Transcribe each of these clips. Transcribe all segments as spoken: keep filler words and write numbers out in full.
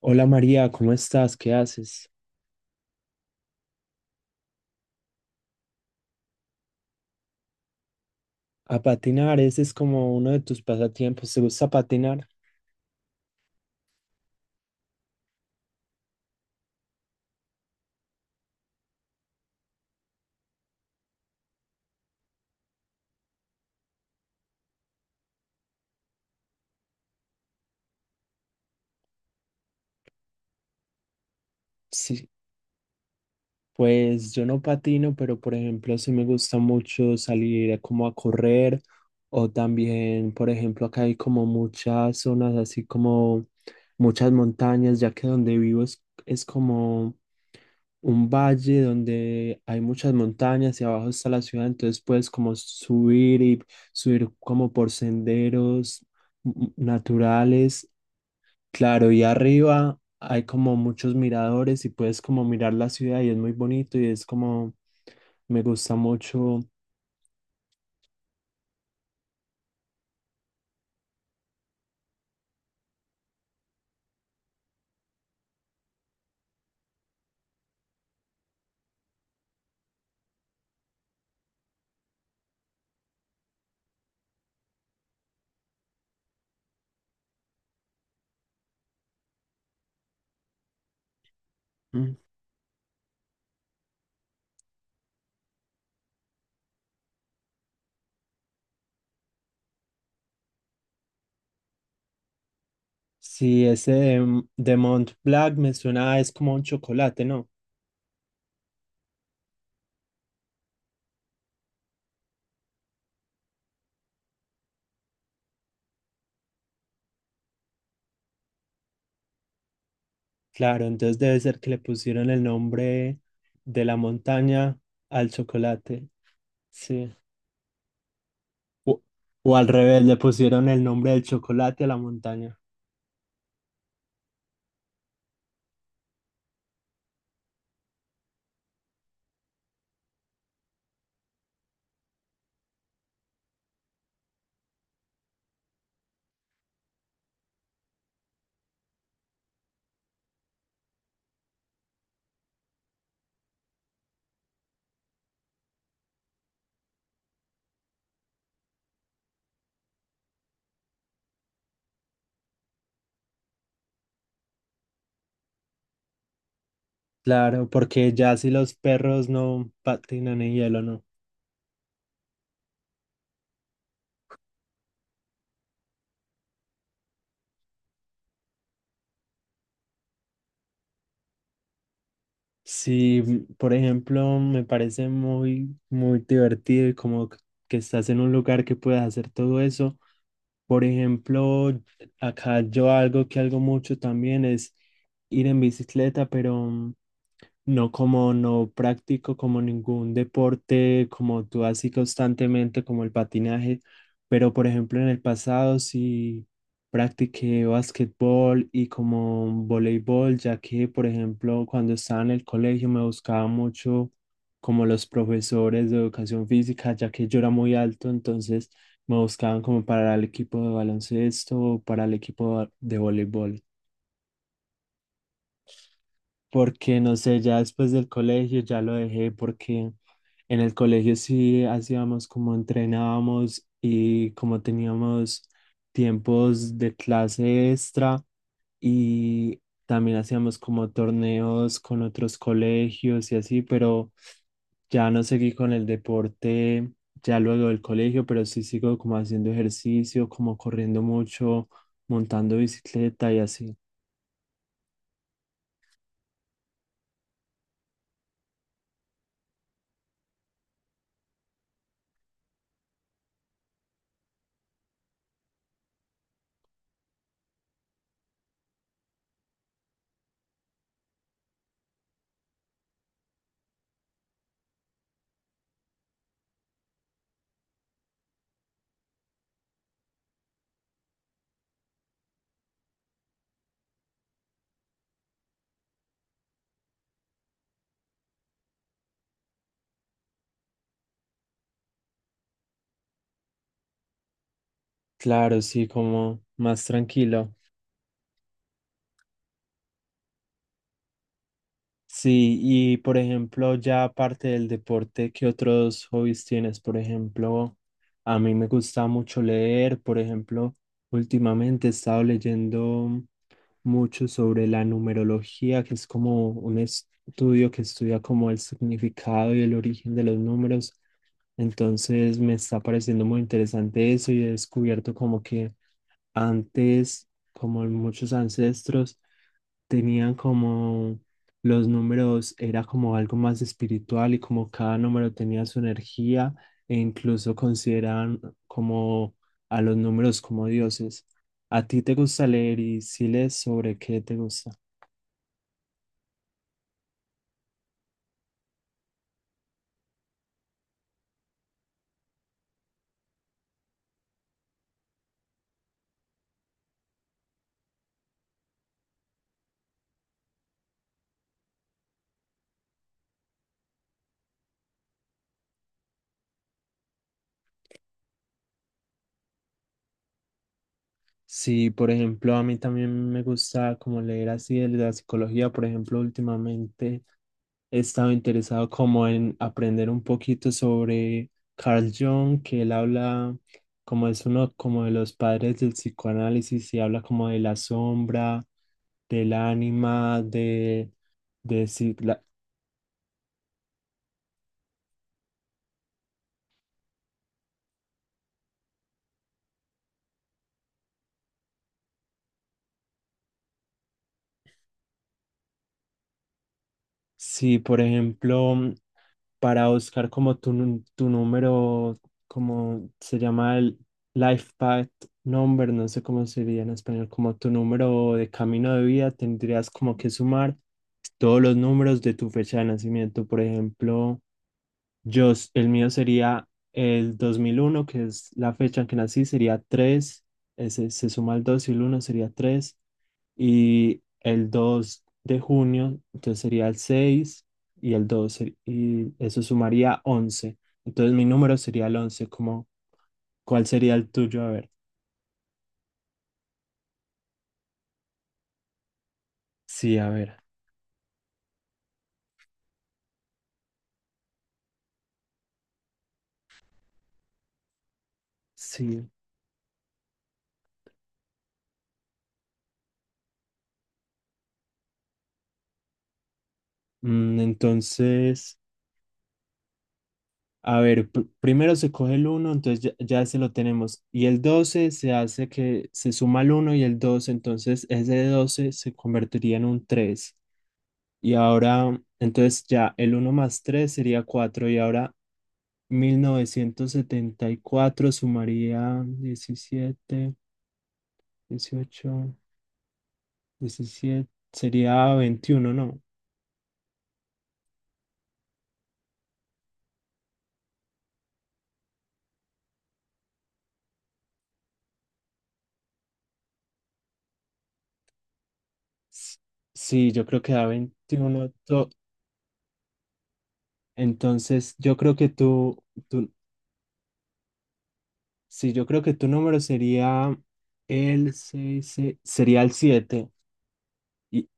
Hola María, ¿cómo estás? ¿Qué haces? A patinar, ese es como uno de tus pasatiempos. ¿Te gusta patinar? Sí. Pues yo no patino, pero por ejemplo sí me gusta mucho salir a como a correr o también, por ejemplo, acá hay como muchas zonas, así como muchas montañas, ya que donde vivo es, es como un valle donde hay muchas montañas y abajo está la ciudad, entonces puedes como subir y subir como por senderos mm, naturales. Claro, y arriba hay como muchos miradores y puedes como mirar la ciudad y es muy bonito y es como, me gusta mucho. Mm. Sí, ese de, M- de Mont Blanc me suena, es como un chocolate, ¿no? Claro, entonces debe ser que le pusieron el nombre de la montaña al chocolate, sí. O, o al revés, le pusieron el nombre del chocolate a la montaña. Claro, porque ya si los perros no patinan en hielo, ¿no? Sí, por ejemplo, me parece muy, muy divertido y como que que estás en un lugar que puedas hacer todo eso. Por ejemplo, acá yo algo que hago mucho también es ir en bicicleta, pero no, como no practico como ningún deporte como tú así constantemente como el patinaje, pero por ejemplo en el pasado sí practiqué basquetbol y como voleibol, ya que por ejemplo cuando estaba en el colegio me buscaba mucho como los profesores de educación física, ya que yo era muy alto, entonces me buscaban como para el equipo de baloncesto o para el equipo de voleibol porque no sé, ya después del colegio ya lo dejé porque en el colegio sí hacíamos como entrenábamos y como teníamos tiempos de clase extra y también hacíamos como torneos con otros colegios y así, pero ya no seguí con el deporte ya luego del colegio, pero sí sigo como haciendo ejercicio, como corriendo mucho, montando bicicleta y así. Claro, sí, como más tranquilo. Sí, y por ejemplo, ya aparte del deporte, ¿qué otros hobbies tienes? Por ejemplo, a mí me gusta mucho leer, por ejemplo, últimamente he estado leyendo mucho sobre la numerología, que es como un estudio que estudia como el significado y el origen de los números. Entonces me está pareciendo muy interesante eso y he descubierto como que antes, como muchos ancestros, tenían como los números, era como algo más espiritual y como cada número tenía su energía e incluso consideraban como a los números como dioses. ¿A ti te gusta leer y si lees sobre qué te gusta? Sí, por ejemplo, a mí también me gusta como leer así de la psicología, por ejemplo, últimamente he estado interesado como en aprender un poquito sobre Carl Jung, que él habla como es uno como de los padres del psicoanálisis y habla como de la sombra, del ánima, de, de si, la- si, por ejemplo, para buscar como tu, nu- tu número, como se llama el life path number, no sé cómo sería en español, como tu número de camino de vida, tendrías como que sumar todos los números de tu fecha de nacimiento. Por ejemplo, yo, s- el mío sería el dos mil uno que es la fecha en que nací, sería tres, ese, se suma el dos y el uno sería tres y el dos de junio, entonces sería el seis y el dos, y eso sumaría once. Entonces mi número sería el once. Como, ¿cuál sería el tuyo? A ver, sí, a ver, sí. Mm, entonces... A ver, pr- primero se coge el uno entonces ya, ya ese lo tenemos. Y el doce se hace que se suma el uno y el doce, entonces ese doce se convertiría en un tres. Y ahora, entonces ya el uno más tres sería cuatro. Y ahora mil novecientos setenta y cuatro sumaría diecisiete, dieciocho, diecisiete sería veintiuno, ¿no? S- Sí, yo creo que da veintiuno to- Entonces, yo creo que tú, tú, sí, yo creo que tu número sería el seis, se- sería el siete. Y,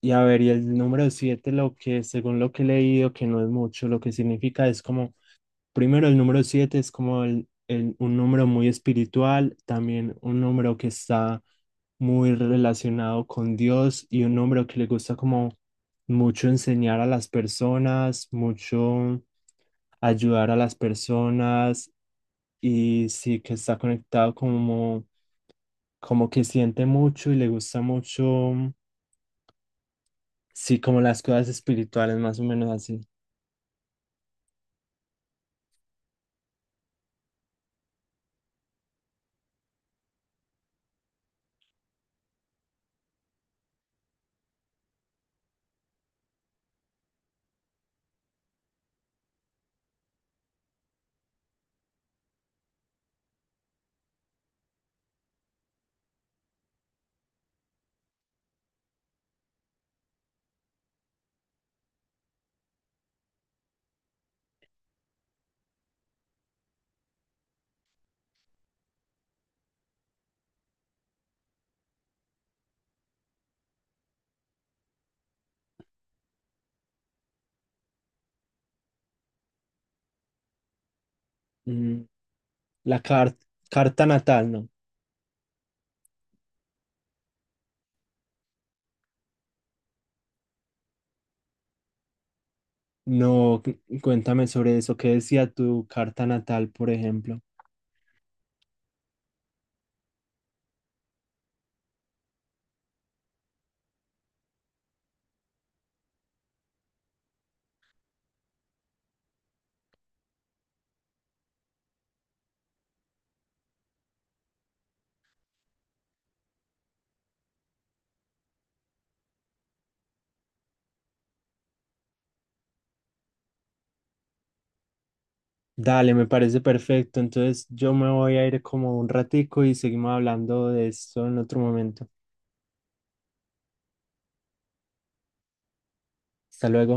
y a ver, y el número siete lo que, según lo que he leído, que no es mucho, lo que significa es como, primero, el número siete es como el- el- un número muy espiritual, también un número que está muy relacionado con Dios y un número que le gusta como mucho enseñar a las personas, mucho ayudar a las personas y sí que está conectado como, como que siente mucho y le gusta mucho, sí, como las cosas espirituales, más o menos así. Mm, La car- carta natal, ¿no? No, cu- cuéntame sobre eso. ¿Qué decía tu carta natal, por ejemplo? Dale, me parece perfecto. Entonces yo me voy a ir como un ratico y seguimos hablando de esto en otro momento. Hasta luego.